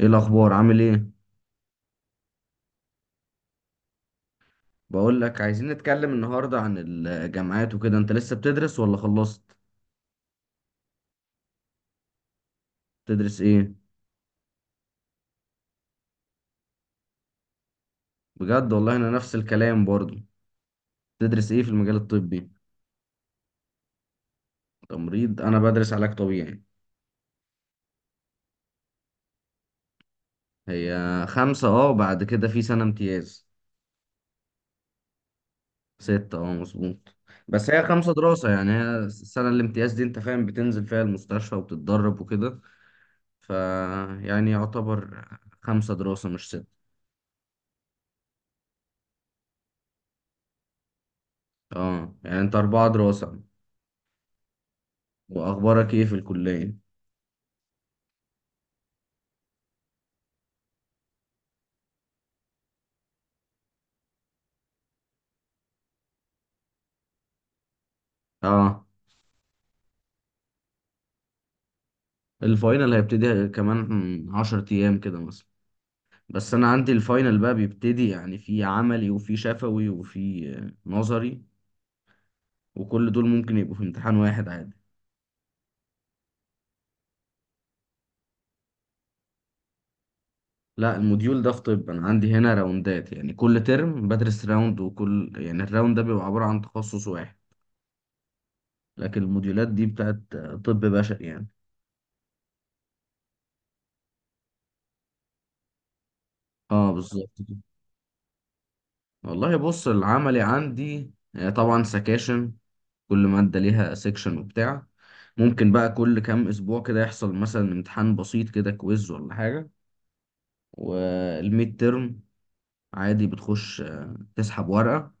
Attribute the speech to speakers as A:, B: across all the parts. A: ايه الاخبار؟ عامل ايه؟ بقول لك عايزين نتكلم النهارده عن الجامعات وكده. انت لسه بتدرس ولا خلصت؟ تدرس ايه؟ بجد؟ والله انا نفس الكلام برضو. تدرس ايه في المجال الطبي؟ تمريض. انا بدرس علاج طبيعي. هي خمسة، اه، بعد كده في سنة امتياز. ستة، اه، مظبوط. بس هي خمسة دراسة، يعني هي السنة الامتياز دي، انت فاهم، بتنزل فيها المستشفى وبتتدرب وكده. ف يعني يعتبر خمسة دراسة مش ستة. اه، يعني انت أربعة دراسة. واخبارك ايه في الكلية؟ اه، الفاينل هيبتدي كمان 10 ايام كده مثلا. بس انا عندي الفاينل بقى بيبتدي، يعني في عملي وفي شفوي وفي نظري. وكل دول ممكن يبقوا في امتحان واحد عادي. لا، الموديول ده في طب. انا عندي هنا راوندات، يعني كل ترم بدرس راوند. وكل يعني الراوند ده بيبقى عبارة عن تخصص واحد. لكن الموديولات دي بتاعت طب بشري يعني. اه، بالظبط كده. والله بص، العملي عندي طبعا سكاشن. كل مادة ليها سيكشن وبتاع. ممكن بقى كل كام أسبوع كده يحصل مثلا امتحان بسيط كده، كويز ولا حاجة. والميد ترم، عادي، بتخش تسحب ورقة.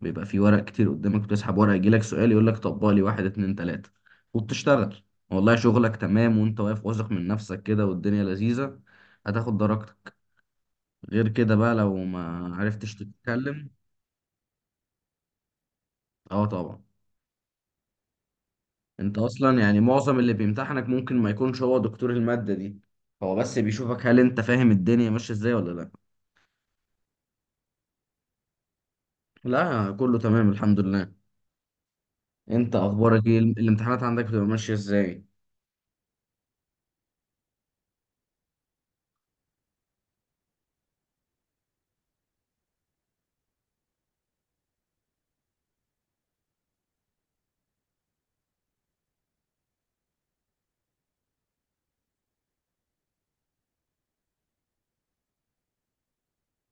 A: بيبقى في ورق كتير قدامك وتسحب ورقة، يجيلك سؤال يقولك طبق لي واحد اتنين تلاتة. وبتشتغل. والله شغلك تمام وانت واقف واثق من نفسك كده، والدنيا لذيذة. هتاخد درجتك. غير كده بقى لو ما عرفتش تتكلم. اه، طبعا. انت اصلا يعني معظم اللي بيمتحنك ممكن ما يكونش هو دكتور المادة دي. هو بس بيشوفك هل انت فاهم الدنيا ماشية ازاي ولا لا. لا، كله تمام الحمد لله. انت اخبارك ايه؟ الامتحانات عندك بتبقى ماشية ازاي؟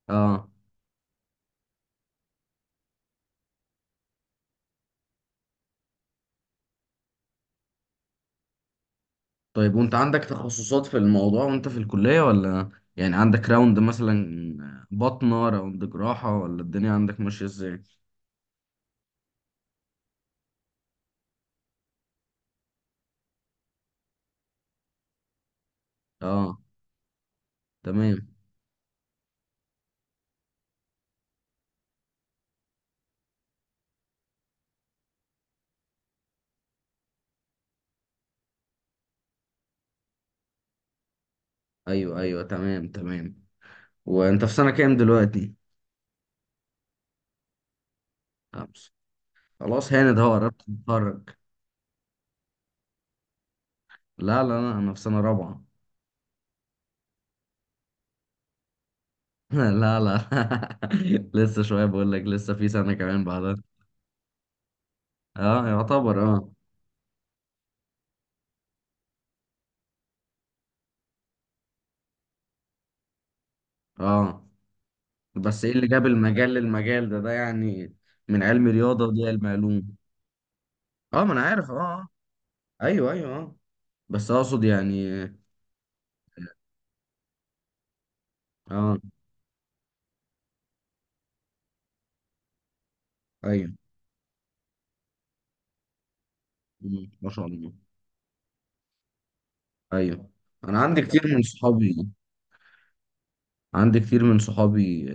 A: اه، طيب. وانت عندك تخصصات في الموضوع وانت في الكلية ولا؟ يعني عندك راوند مثلا بطنة، راوند جراحة، ولا الدنيا عندك ماشية ازاي؟ اه، تمام. ايوه، ايوه، تمام، تمام. وانت في سنة كام دلوقتي؟ خمسة؟ خلاص هانت اهو، قربت تتخرج. لا لا لا، انا في سنة رابعة. لا، لا. لسه شوية، بقول لك لسه في سنة كمان بعدها. اه، يعتبر، اه. اه، بس ايه اللي جاب المجال للمجال ده يعني؟ من علم رياضة ودي علم علوم. اه، ما انا عارف، اه، ايوه، ايوه، اه. بس اقصد يعني. اه، ايوه. مم، ما شاء الله. ايوه. انا عندي كتير من صحابي عندي كتير من صحابي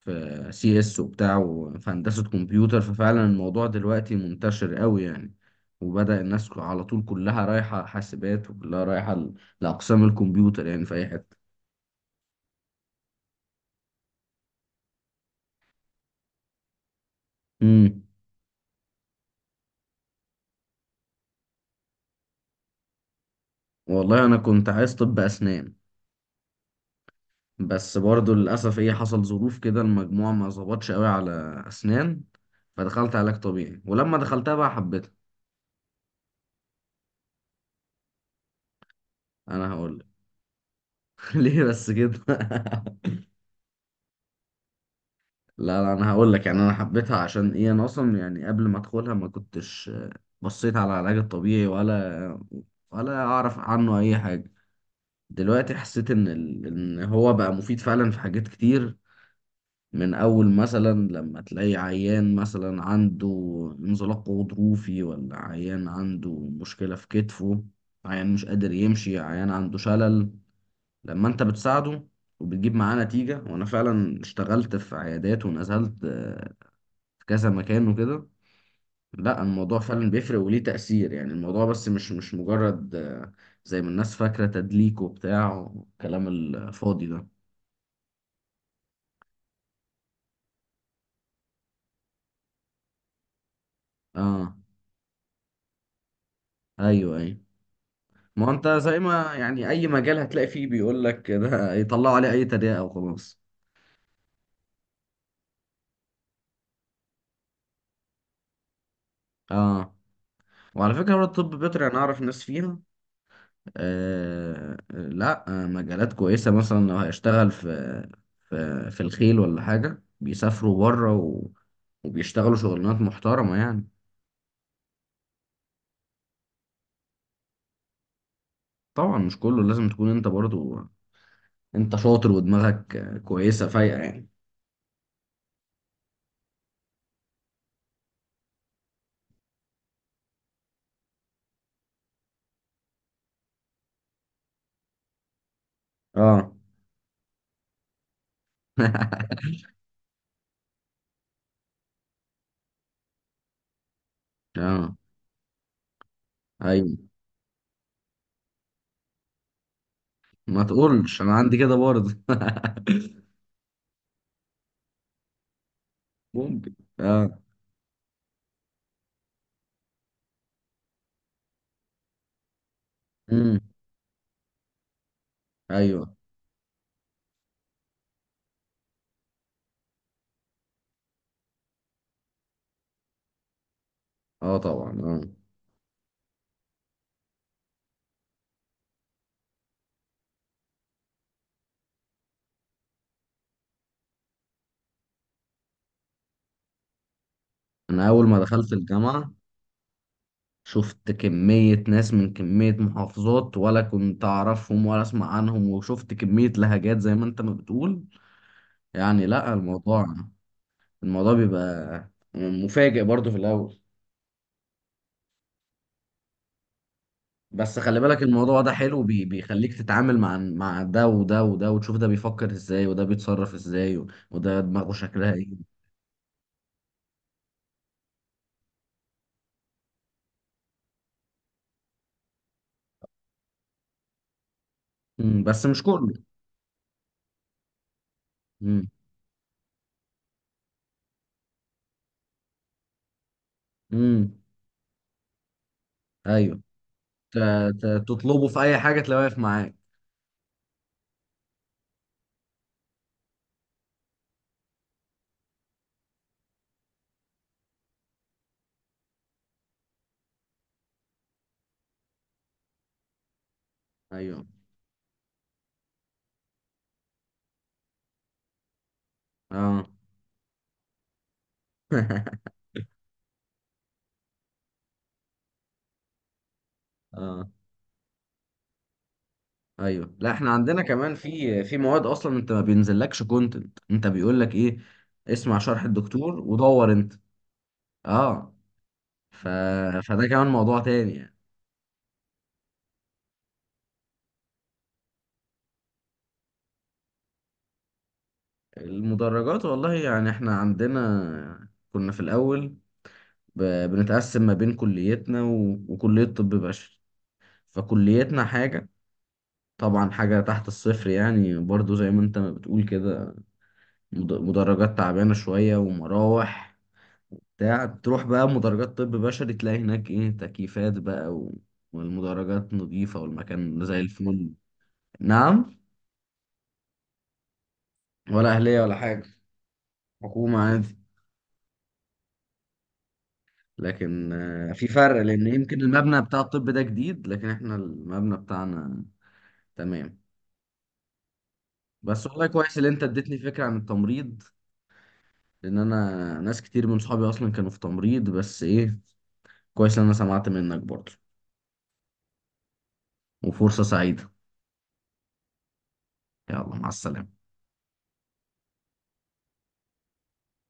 A: في CS وبتاع، وفي هندسة كمبيوتر. ففعلا الموضوع دلوقتي منتشر قوي يعني. وبدأ الناس على طول كلها رايحة حاسبات، وكلها رايحة لأقسام الكمبيوتر يعني في أي حتة. امم. والله أنا كنت عايز طب أسنان. بس برضه للأسف إيه، حصل ظروف كده، المجموع ما ظبطش قوي على أسنان. فدخلت علاج طبيعي ولما دخلتها بقى حبيتها. أنا هقولك. ليه بس كده؟ لا، لا، انا هقول لك. يعني انا حبيتها عشان ايه، انا اصلا يعني قبل ما ادخلها ما كنتش بصيت على العلاج الطبيعي، ولا اعرف عنه اي حاجه. دلوقتي حسيت ان هو بقى مفيد فعلا في حاجات كتير. من اول مثلا لما تلاقي عيان مثلا عنده انزلاق غضروفي، ولا عيان عنده مشكله في كتفه، عيان مش قادر يمشي، عيان عنده شلل. لما انت بتساعده وبتجيب معاه نتيجة. وأنا فعلا اشتغلت في عيادات، ونزلت في كذا مكان وكده. لا، الموضوع فعلا بيفرق وليه تأثير يعني. الموضوع بس مش مجرد، زي ما الناس فاكرة، تدليك وبتاع والكلام الفاضي ده. اه، ايوه، ايوه. ما هو انت زي ما يعني اي مجال هتلاقي فيه بيقول لك ده، يطلعوا عليه اي تريقة وخلاص. اه، وعلى فكرة برضه الطب البيطري انا اعرف ناس فيها. آه لا، آه، مجالات كويسة. مثلا لو هيشتغل في في الخيل ولا حاجة، بيسافروا بره وبيشتغلوا شغلانات محترمة يعني. طبعا مش كله، لازم تكون انت برضو انت شاطر ودماغك كويسة فايقة يعني. اه، اه، ايوه. ما تقولش انا عندي كده برضه. ممكن. اه. امم. ايوه، اه، طبعا، اه. انا اول ما دخلت الجامعه شفت كميه ناس من كميه محافظات ولا كنت اعرفهم ولا اسمع عنهم. وشفت كميه لهجات زي ما انت ما بتقول. يعني لا، الموضوع بيبقى مفاجئ برضه في الاول. بس خلي بالك الموضوع ده حلو، بيخليك تتعامل مع ده وده وده، وتشوف ده بيفكر ازاي وده بيتصرف ازاي، وده دماغه شكلها ايه. مم. بس مش كله. مم. مم. ايوه. ت- تطلبه في اي حاجه تلاقيه واقف معاك. ايوه، اه. اه، ايوه. لا، احنا عندنا كمان في مواد اصلا انت ما بينزلكش كونتنت. انت بيقول لك ايه، اسمع شرح الدكتور ودور انت. اه، ف... فده كمان موضوع تاني يعني. المدرجات، والله يعني احنا عندنا كنا في الأول بنتقسم ما بين كليتنا وكلية طب بشري. فكليتنا حاجة، طبعا حاجة تحت الصفر يعني برضو زي ما انت ما بتقول كده. مدرجات تعبانة شوية ومراوح بتاع تروح بقى مدرجات طب بشري تلاقي هناك ايه، تكييفات بقى والمدرجات نظيفة والمكان زي الفل. نعم. ولا أهلية ولا حاجة، حكومة عادي. لكن في فرق لان يمكن المبنى بتاع الطب ده جديد، لكن احنا المبنى بتاعنا تمام. بس والله كويس ان انت اديتني فكرة عن التمريض، لان انا ناس كتير من صحابي اصلا كانوا في تمريض. بس ايه، كويس ان انا سمعت منك برضه. وفرصة سعيدة. يلا، مع السلامة.